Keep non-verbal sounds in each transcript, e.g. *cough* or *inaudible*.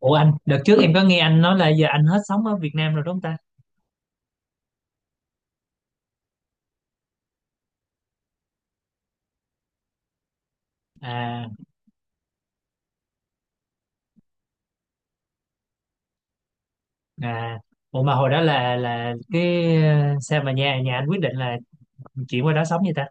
Ủa anh, đợt trước em có nghe anh nói là giờ anh hết sống ở Việt Nam rồi đúng không ta? À, à, ủa mà hồi đó là cái sao mà nhà nhà anh quyết định là chuyển qua đó sống vậy ta?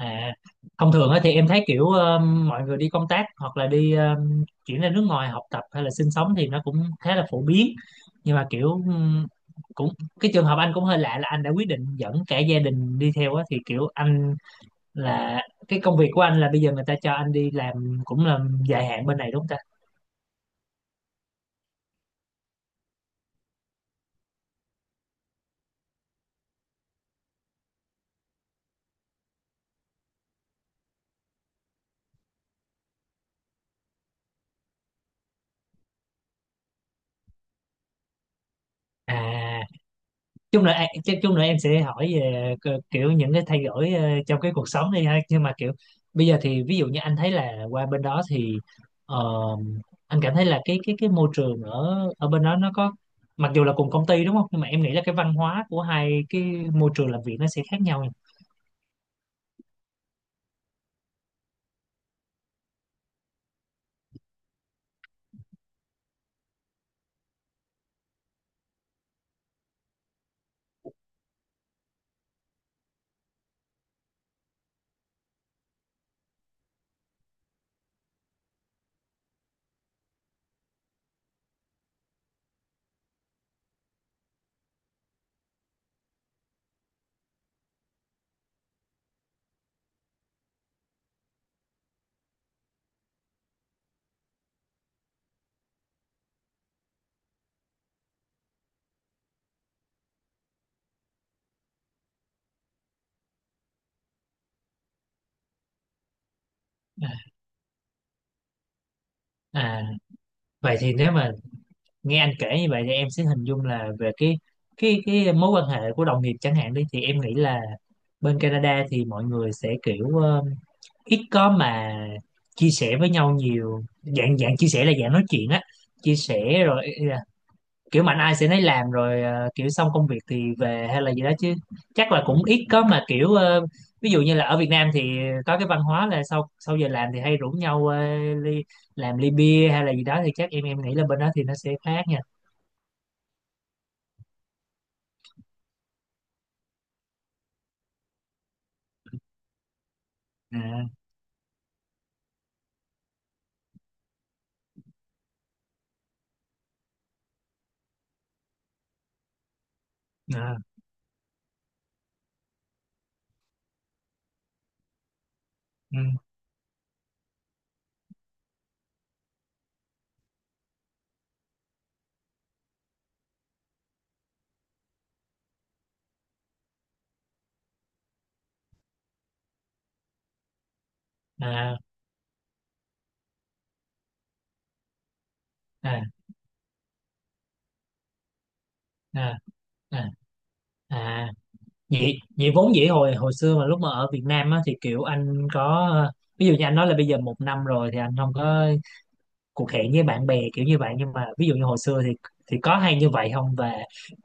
À, thông thường á thì em thấy kiểu mọi người đi công tác hoặc là đi chuyển ra nước ngoài học tập hay là sinh sống thì nó cũng khá là phổ biến. Nhưng mà kiểu cũng cái trường hợp anh cũng hơi lạ là anh đã quyết định dẫn cả gia đình đi theo á, thì kiểu anh là cái công việc của anh là bây giờ người ta cho anh đi làm cũng là dài hạn bên này đúng không ta? À, chút nữa chắc chút nữa em sẽ hỏi về kiểu những cái thay đổi trong cái cuộc sống đi ha, nhưng mà kiểu bây giờ thì ví dụ như anh thấy là qua bên đó thì ờ, anh cảm thấy là cái môi trường ở ở bên đó nó có, mặc dù là cùng công ty đúng không, nhưng mà em nghĩ là cái văn hóa của hai cái môi trường làm việc nó sẽ khác nhau nha. À, à, vậy thì nếu mà nghe anh kể như vậy thì em sẽ hình dung là về cái mối quan hệ của đồng nghiệp chẳng hạn đi thì em nghĩ là bên Canada thì mọi người sẽ kiểu ít có mà chia sẻ với nhau nhiều, dạng dạng chia sẻ là dạng nói chuyện á, chia sẻ rồi ý là kiểu mạnh ai sẽ nấy làm rồi kiểu xong công việc thì về hay là gì đó, chứ chắc là cũng ít có mà kiểu ví dụ như là ở Việt Nam thì có cái văn hóa là sau sau giờ làm thì hay rủ nhau ly, làm ly bia hay là gì đó, thì chắc em nghĩ là bên đó thì nó sẽ khác nha. À, à, ừ, à, à, à, à. À. vậy vậy vốn dĩ hồi hồi xưa mà lúc mà ở Việt Nam á, thì kiểu anh có, ví dụ như anh nói là bây giờ một năm rồi thì anh không có cuộc hẹn với bạn bè kiểu như vậy, nhưng mà ví dụ như hồi xưa thì có hay như vậy không? Và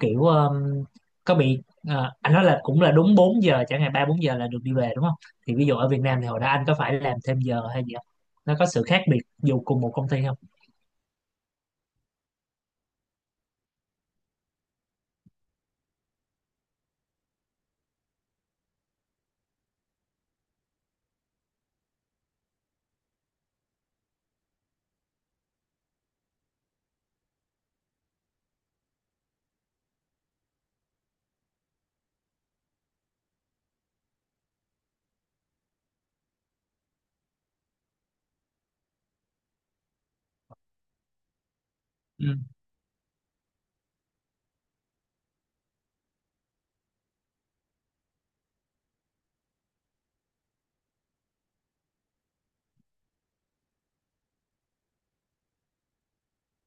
kiểu có bị, à, anh nói là cũng là đúng 4 giờ chẳng hạn 3 4 giờ là được đi về đúng không, thì ví dụ ở Việt Nam thì hồi đó anh có phải làm thêm giờ hay gì không, nó có sự khác biệt dù cùng một công ty không? Ừ.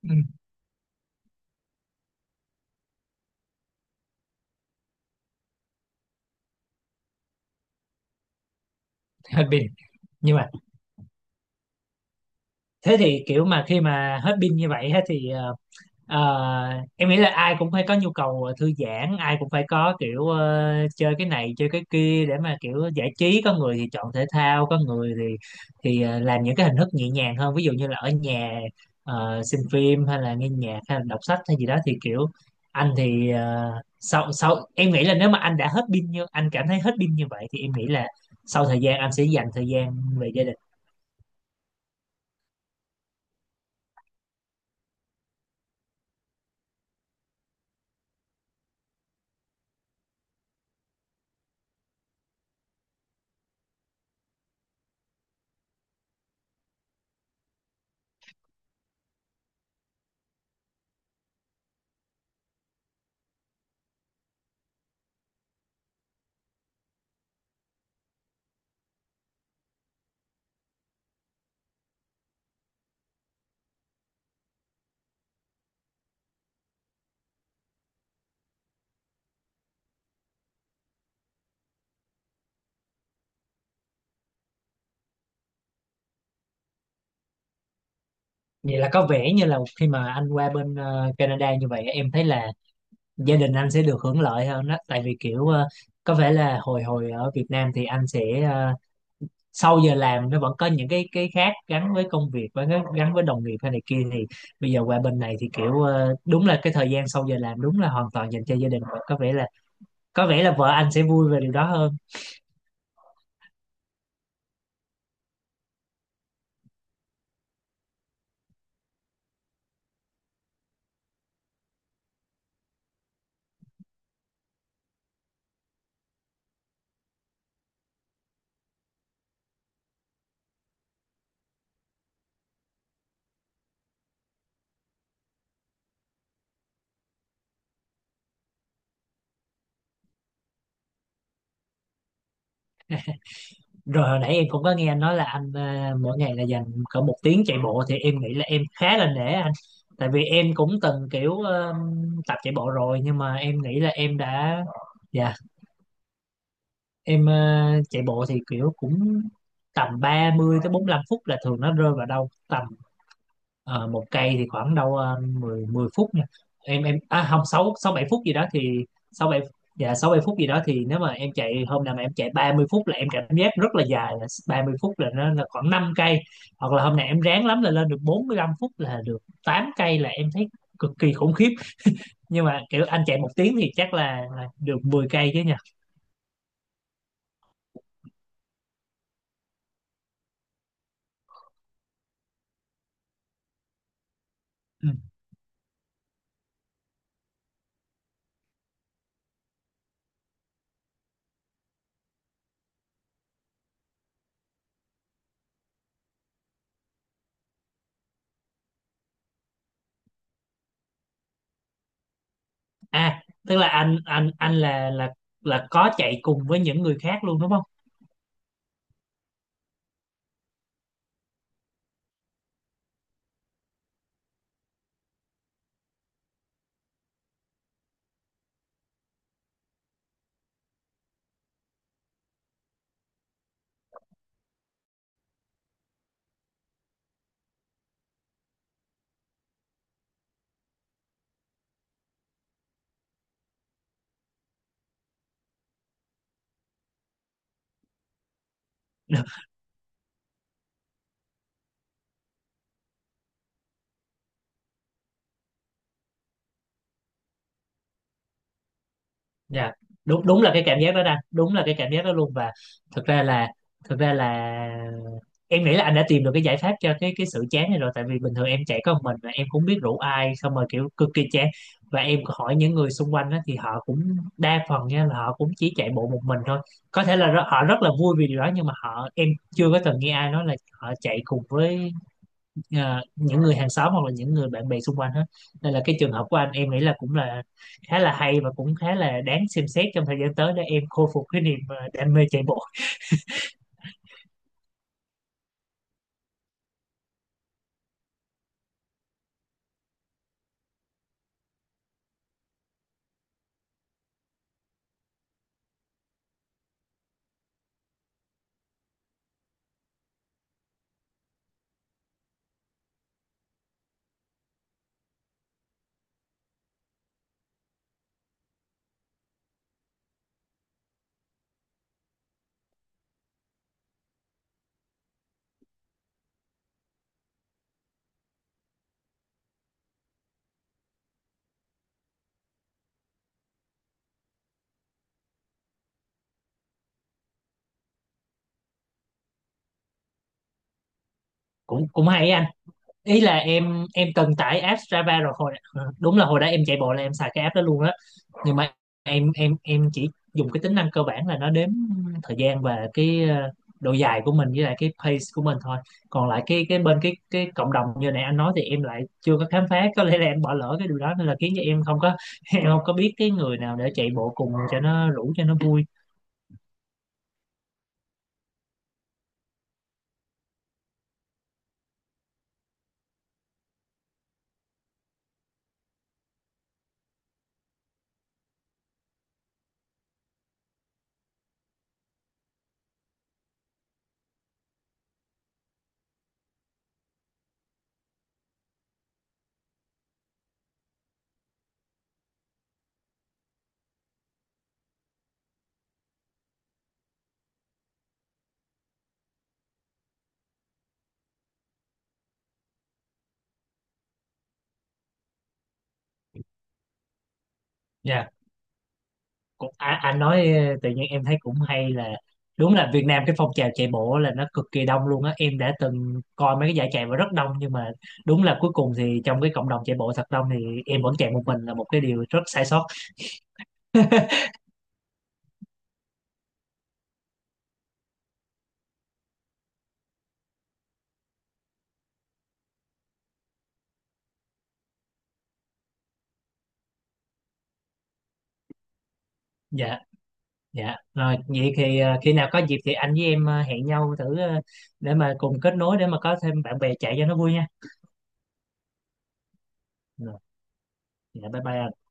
Ừ. *laughs* Hết pin. Nhưng mà thế thì kiểu mà khi mà hết pin như vậy á, thì Ờ, em nghĩ là ai cũng phải có nhu cầu thư giãn, ai cũng phải có kiểu chơi cái này chơi cái kia để mà kiểu giải trí. Có người thì chọn thể thao, có người thì làm những cái hình thức nhẹ nhàng hơn. Ví dụ như là ở nhà xem phim hay là nghe nhạc hay là đọc sách hay gì đó, thì kiểu anh thì ờ, sau sau em nghĩ là nếu mà anh đã hết pin như anh cảm thấy hết pin như vậy thì em nghĩ là sau thời gian anh sẽ dành thời gian về gia đình. Vậy là có vẻ như là khi mà anh qua bên Canada như vậy, em thấy là gia đình anh sẽ được hưởng lợi hơn đó, tại vì kiểu có vẻ là hồi hồi ở Việt Nam thì anh sẽ sau giờ làm nó vẫn có những cái khác gắn với công việc và gắn với đồng nghiệp hay này kia, thì bây giờ qua bên này thì kiểu đúng là cái thời gian sau giờ làm đúng là hoàn toàn dành cho gia đình, và có vẻ là vợ anh sẽ vui về điều đó hơn. Rồi hồi nãy em cũng có nghe anh nói là anh mỗi ngày là dành cỡ một tiếng chạy bộ, thì em nghĩ là em khá là nể anh, tại vì em cũng từng kiểu tập chạy bộ rồi nhưng mà em nghĩ là em đã. Dạ, em chạy bộ thì kiểu cũng tầm 30 tới 45 phút, là thường nó rơi vào đâu tầm ờ, 1 cây thì khoảng đâu 10 10 phút nha. Em à không, 6 6 7 phút gì đó thì 6 bảy, dạ 6 7 phút gì đó thì nếu mà em chạy hôm nào mà em chạy 30 phút là em cảm giác rất là dài, là 30 phút là nó là khoảng 5 cây. Hoặc là hôm nào em ráng lắm là lên được 45 phút là được 8 cây là em thấy cực kỳ khủng khiếp. Nhưng mà kiểu anh chạy một tiếng thì chắc là được 10 cây chứ nhỉ? À, tức là anh là có chạy cùng với những người khác luôn đúng không? *laughs* Dạ, đúng đúng là cái cảm giác đó đang đúng là cái cảm giác đó luôn. Và thực ra là, thực ra là em nghĩ là anh đã tìm được cái giải pháp cho cái sự chán này rồi, tại vì bình thường em chạy có một mình và em cũng biết rủ ai, xong rồi kiểu cực kỳ chán. Và em hỏi những người xung quanh đó, thì họ cũng đa phần nha là họ cũng chỉ chạy bộ một mình thôi. Có thể là họ rất là vui vì điều đó, nhưng mà họ em chưa có từng nghe ai nói là họ chạy cùng với những người hàng xóm hoặc là những người bạn bè xung quanh hết. Nên là cái trường hợp của anh em nghĩ là cũng là khá là hay và cũng khá là đáng xem xét trong thời gian tới để em khôi phục cái niềm đam mê chạy bộ. Cũng cũng hay ấy anh. Ý là em cần tải app Strava. Rồi hồi đúng là hồi đó em chạy bộ là em xài cái app đó luôn á, nhưng mà em chỉ dùng cái tính năng cơ bản là nó đếm thời gian và cái độ dài của mình với lại cái pace của mình thôi. Còn lại cái bên cái cộng đồng như nãy anh nói thì em lại chưa có khám phá, có lẽ là em bỏ lỡ cái điều đó nên là khiến cho em không có *laughs* em không có biết cái người nào để chạy bộ cùng cho nó rủ cho nó vui. Dạ. Cũng à, anh nói tự nhiên em thấy cũng hay. Là đúng là Việt Nam cái phong trào chạy bộ là nó cực kỳ đông luôn á, em đã từng coi mấy cái giải chạy và rất đông. Nhưng mà đúng là cuối cùng thì trong cái cộng đồng chạy bộ thật đông thì em vẫn chạy một mình là một cái điều rất sai sót. Dạ, dạ, rồi vậy thì khi nào có dịp thì anh với em hẹn nhau thử để mà cùng kết nối để mà có thêm bạn bè chạy cho nó vui nha. Rồi dạ, bye bye anh.